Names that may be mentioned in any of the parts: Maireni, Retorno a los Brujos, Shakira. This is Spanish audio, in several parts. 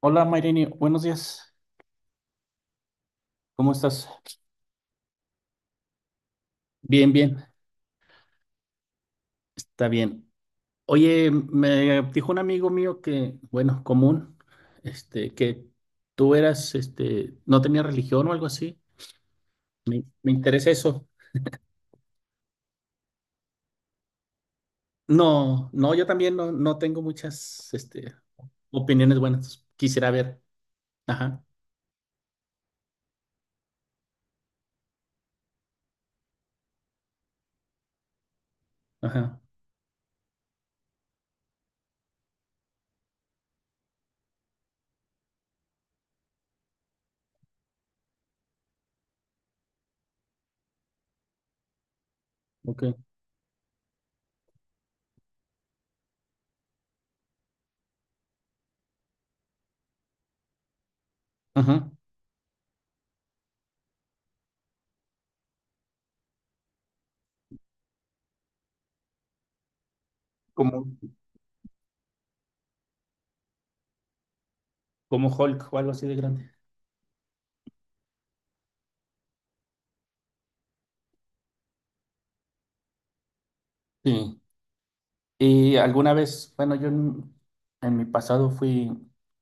Hola Maireni, buenos días. ¿Cómo estás? Bien, bien, está bien. Oye, me dijo un amigo mío que, bueno, común, que tú eras, no tenías religión o algo así. Me interesa eso. No, no, yo también no tengo muchas, opiniones buenas. Quisiera ver. Ajá, ajá, ok. Ajá. Como, como Hulk o algo así de grande. Sí. Y alguna vez, bueno, yo en mi pasado fui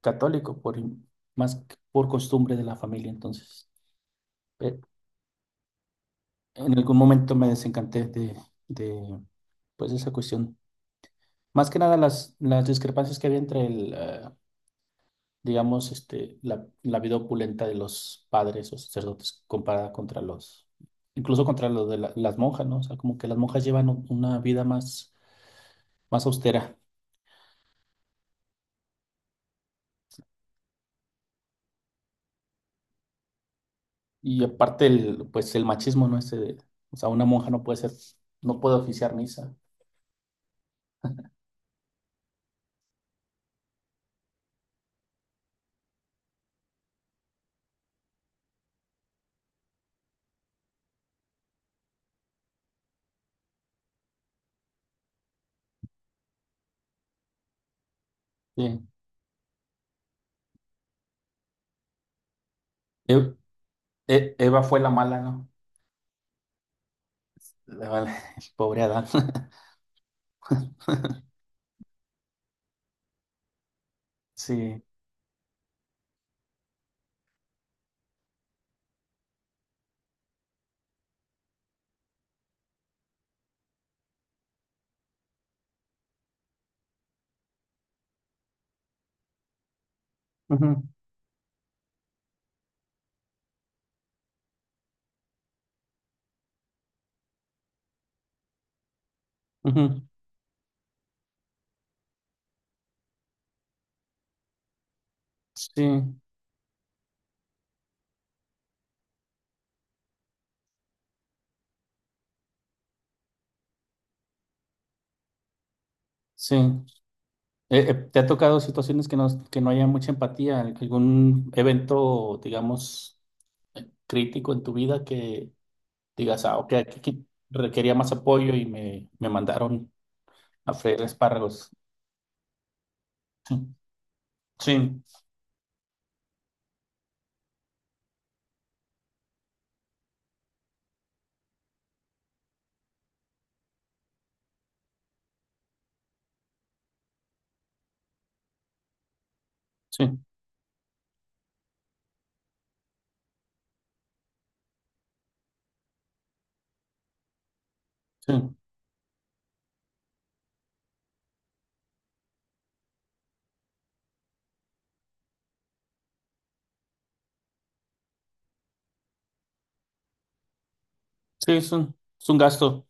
católico más que por costumbre de la familia, entonces eh, en algún momento me desencanté de pues esa cuestión. Más que nada las discrepancias que había entre digamos, la vida opulenta de los padres o sacerdotes comparada contra los, incluso contra los de las monjas, ¿no? O sea, como que las monjas llevan una vida más, más austera. Y aparte pues el machismo, ¿no? O sea, una monja no puede ser, no puede oficiar misa. Sí. E- Eva fue la mala, ¿no? La mala- Pobre Adán. Sí. Ujú, ujú. Sí, sí. ¿Te ha tocado situaciones que no, haya mucha empatía? ¿Algún evento, digamos, crítico en tu vida que digas, ah, ok, aquí requería más apoyo y me mandaron a freír espárragos? Sí, sí, sí. Sí, sí, es un gasto.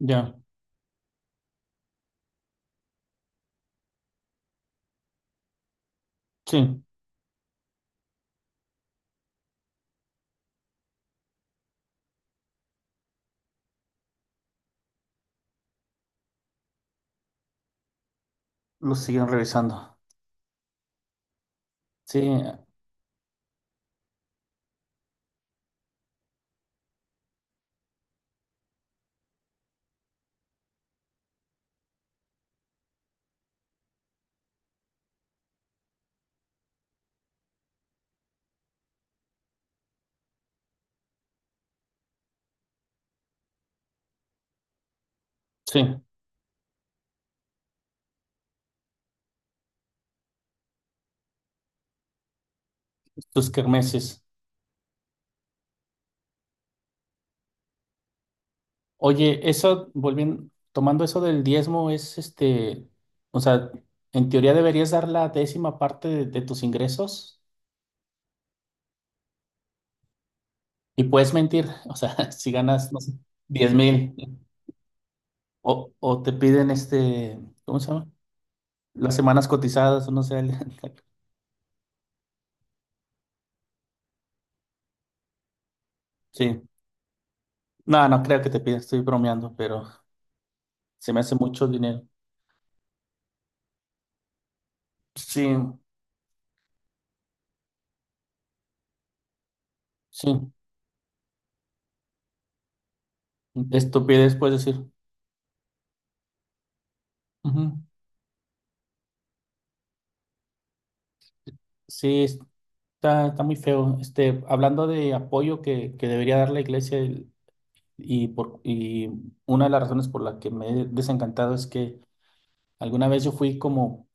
Ya. Sí, lo siguen revisando. Sí, sí, tus kermeses. Oye, eso, volviendo, tomando eso del diezmo, es o sea, en teoría deberías dar la décima parte de tus ingresos y puedes mentir, o sea, si ganas, no sé, 10,000 o te piden ¿cómo se llama? Las semanas cotizadas, o no sé, el- Sí, no creo que te piden, estoy bromeando, pero se me hace mucho dinero. Sí. Sí, estupidez puedes decir. Ujú. Sí, está muy feo. Hablando de apoyo que, debería dar la iglesia y una de las razones por la que me he desencantado es que alguna vez yo fui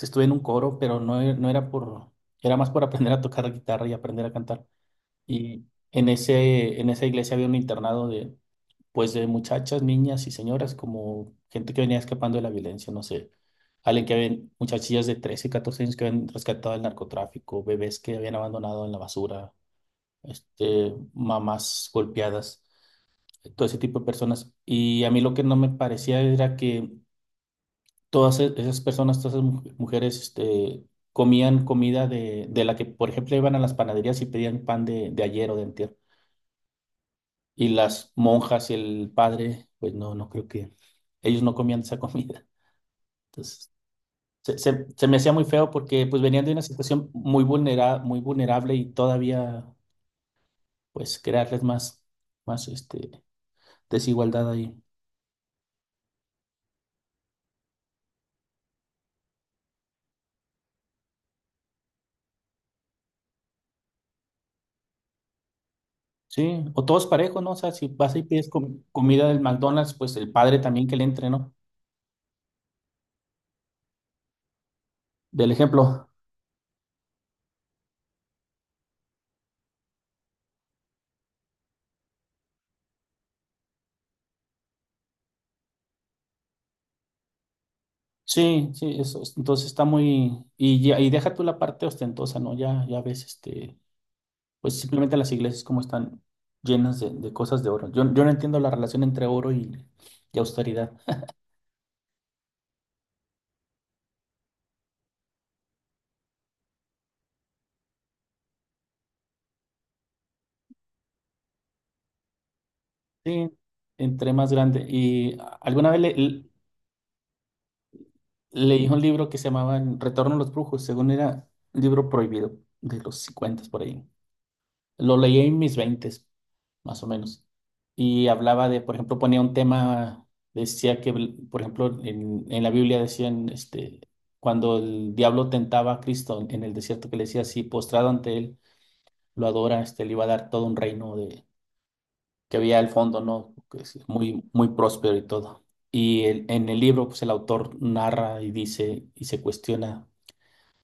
estuve en un coro, pero no, no era por, era más por aprender a tocar guitarra y aprender a cantar. Y en esa iglesia había un internado pues de muchachas, niñas y señoras, como gente que venía escapando de la violencia, no sé. Muchachillas de 13, 14 años que habían rescatado del narcotráfico, bebés que habían abandonado en la basura, mamás golpeadas, todo ese tipo de personas. Y a mí lo que no me parecía era que todas esas personas, todas esas mujeres, comían comida de la que, por ejemplo, iban a las panaderías y pedían pan de ayer o de antier. Y las monjas y el padre, pues no creo que ellos no comían esa comida. Entonces, se me hacía muy feo porque pues venían de una situación muy vulnerable y todavía pues crearles más, más desigualdad ahí. Sí, o todos parejos, ¿no? O sea, si vas y pides comida del McDonald's, pues el padre también que le entre, ¿no? Del ejemplo. Sí, sí, eso. Entonces está muy. Y deja tú la parte ostentosa, ¿no? Ya, ya ves, pues simplemente las iglesias como están llenas de cosas de oro. Yo no entiendo la relación entre oro y austeridad. Sí, entre más grande. Y alguna vez leí un libro que se llamaba Retorno a los Brujos, según era un libro prohibido de los 50 por ahí. Lo leí en mis 20 más o menos. Y hablaba de, por ejemplo, ponía un tema, decía que, por ejemplo, en la Biblia decían, cuando el diablo tentaba a Cristo en el desierto, que le decía así, postrado ante él, lo adora, le iba a dar todo un reino de, que había al fondo, ¿no? Que es muy, muy próspero y todo. Y en el libro, pues el autor narra y dice, y se cuestiona,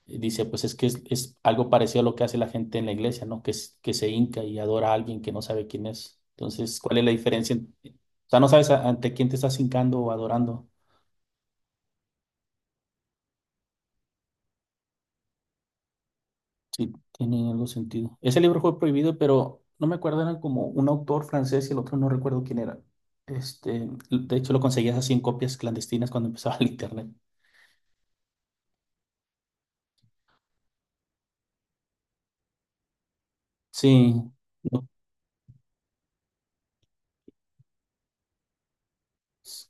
y dice, pues es que es algo parecido a lo que hace la gente en la iglesia, ¿no? Que se hinca y adora a alguien que no sabe quién es. Entonces, ¿cuál es la diferencia? O sea, no sabes ante quién te estás hincando o adorando. Sí, tiene algo sentido. Ese libro fue prohibido, pero no me acuerdo, era como un autor francés y el otro no recuerdo quién era. De hecho, lo conseguías así en copias clandestinas cuando empezaba el internet. Sí, no.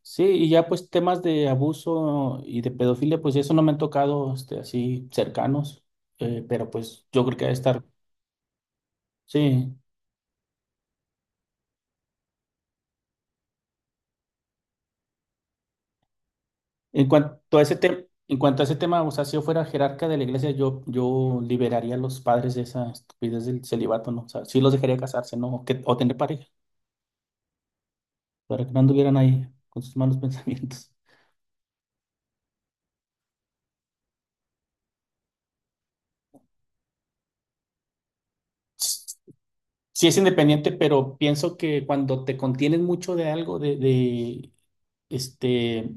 Sí, y ya pues temas de abuso y de pedofilia, pues eso no me han tocado así cercanos, pero pues yo creo que debe estar, sí. En cuanto a ese tema, o sea, si yo fuera jerarca de la iglesia, yo liberaría a los padres de esa estupidez del celibato, ¿no? O sea, sí los dejaría casarse, ¿no? O tener pareja, para que no anduvieran ahí con sus malos pensamientos. Sí es independiente, pero pienso que cuando te contienes mucho de algo, este,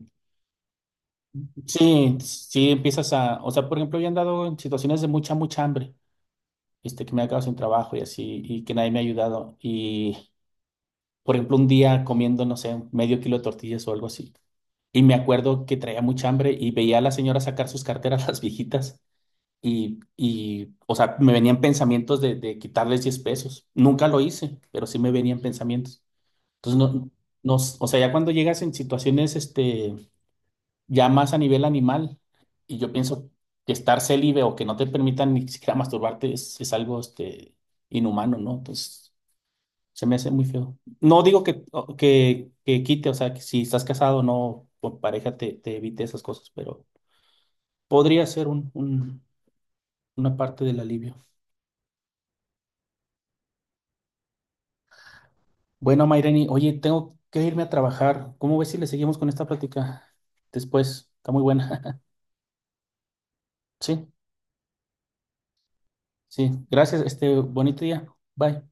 sí, sí empiezas a, o sea, por ejemplo, yo he andado en situaciones de mucha, mucha hambre, que me he quedado sin trabajo y así, y que nadie me ha ayudado, por ejemplo, un día comiendo, no sé, medio kilo de tortillas o algo así. Y me acuerdo que traía mucha hambre y veía a la señora sacar sus carteras, las viejitas, y o sea, me venían pensamientos de quitarles $10. Nunca lo hice, pero sí me venían pensamientos. Entonces, no, no, o sea, ya cuando llegas en situaciones, ya más a nivel animal, y yo pienso que estar célibe o que no te permitan ni siquiera masturbarte es algo, inhumano, ¿no? Entonces. Se me hace muy feo. No digo que quite, o sea, que si estás casado no, con pareja te evite esas cosas, pero podría ser una parte del alivio. Bueno, Maireni, oye, tengo que irme a trabajar. ¿Cómo ves si le seguimos con esta plática después? Está muy buena. Sí, sí. Gracias, este bonito día. Bye.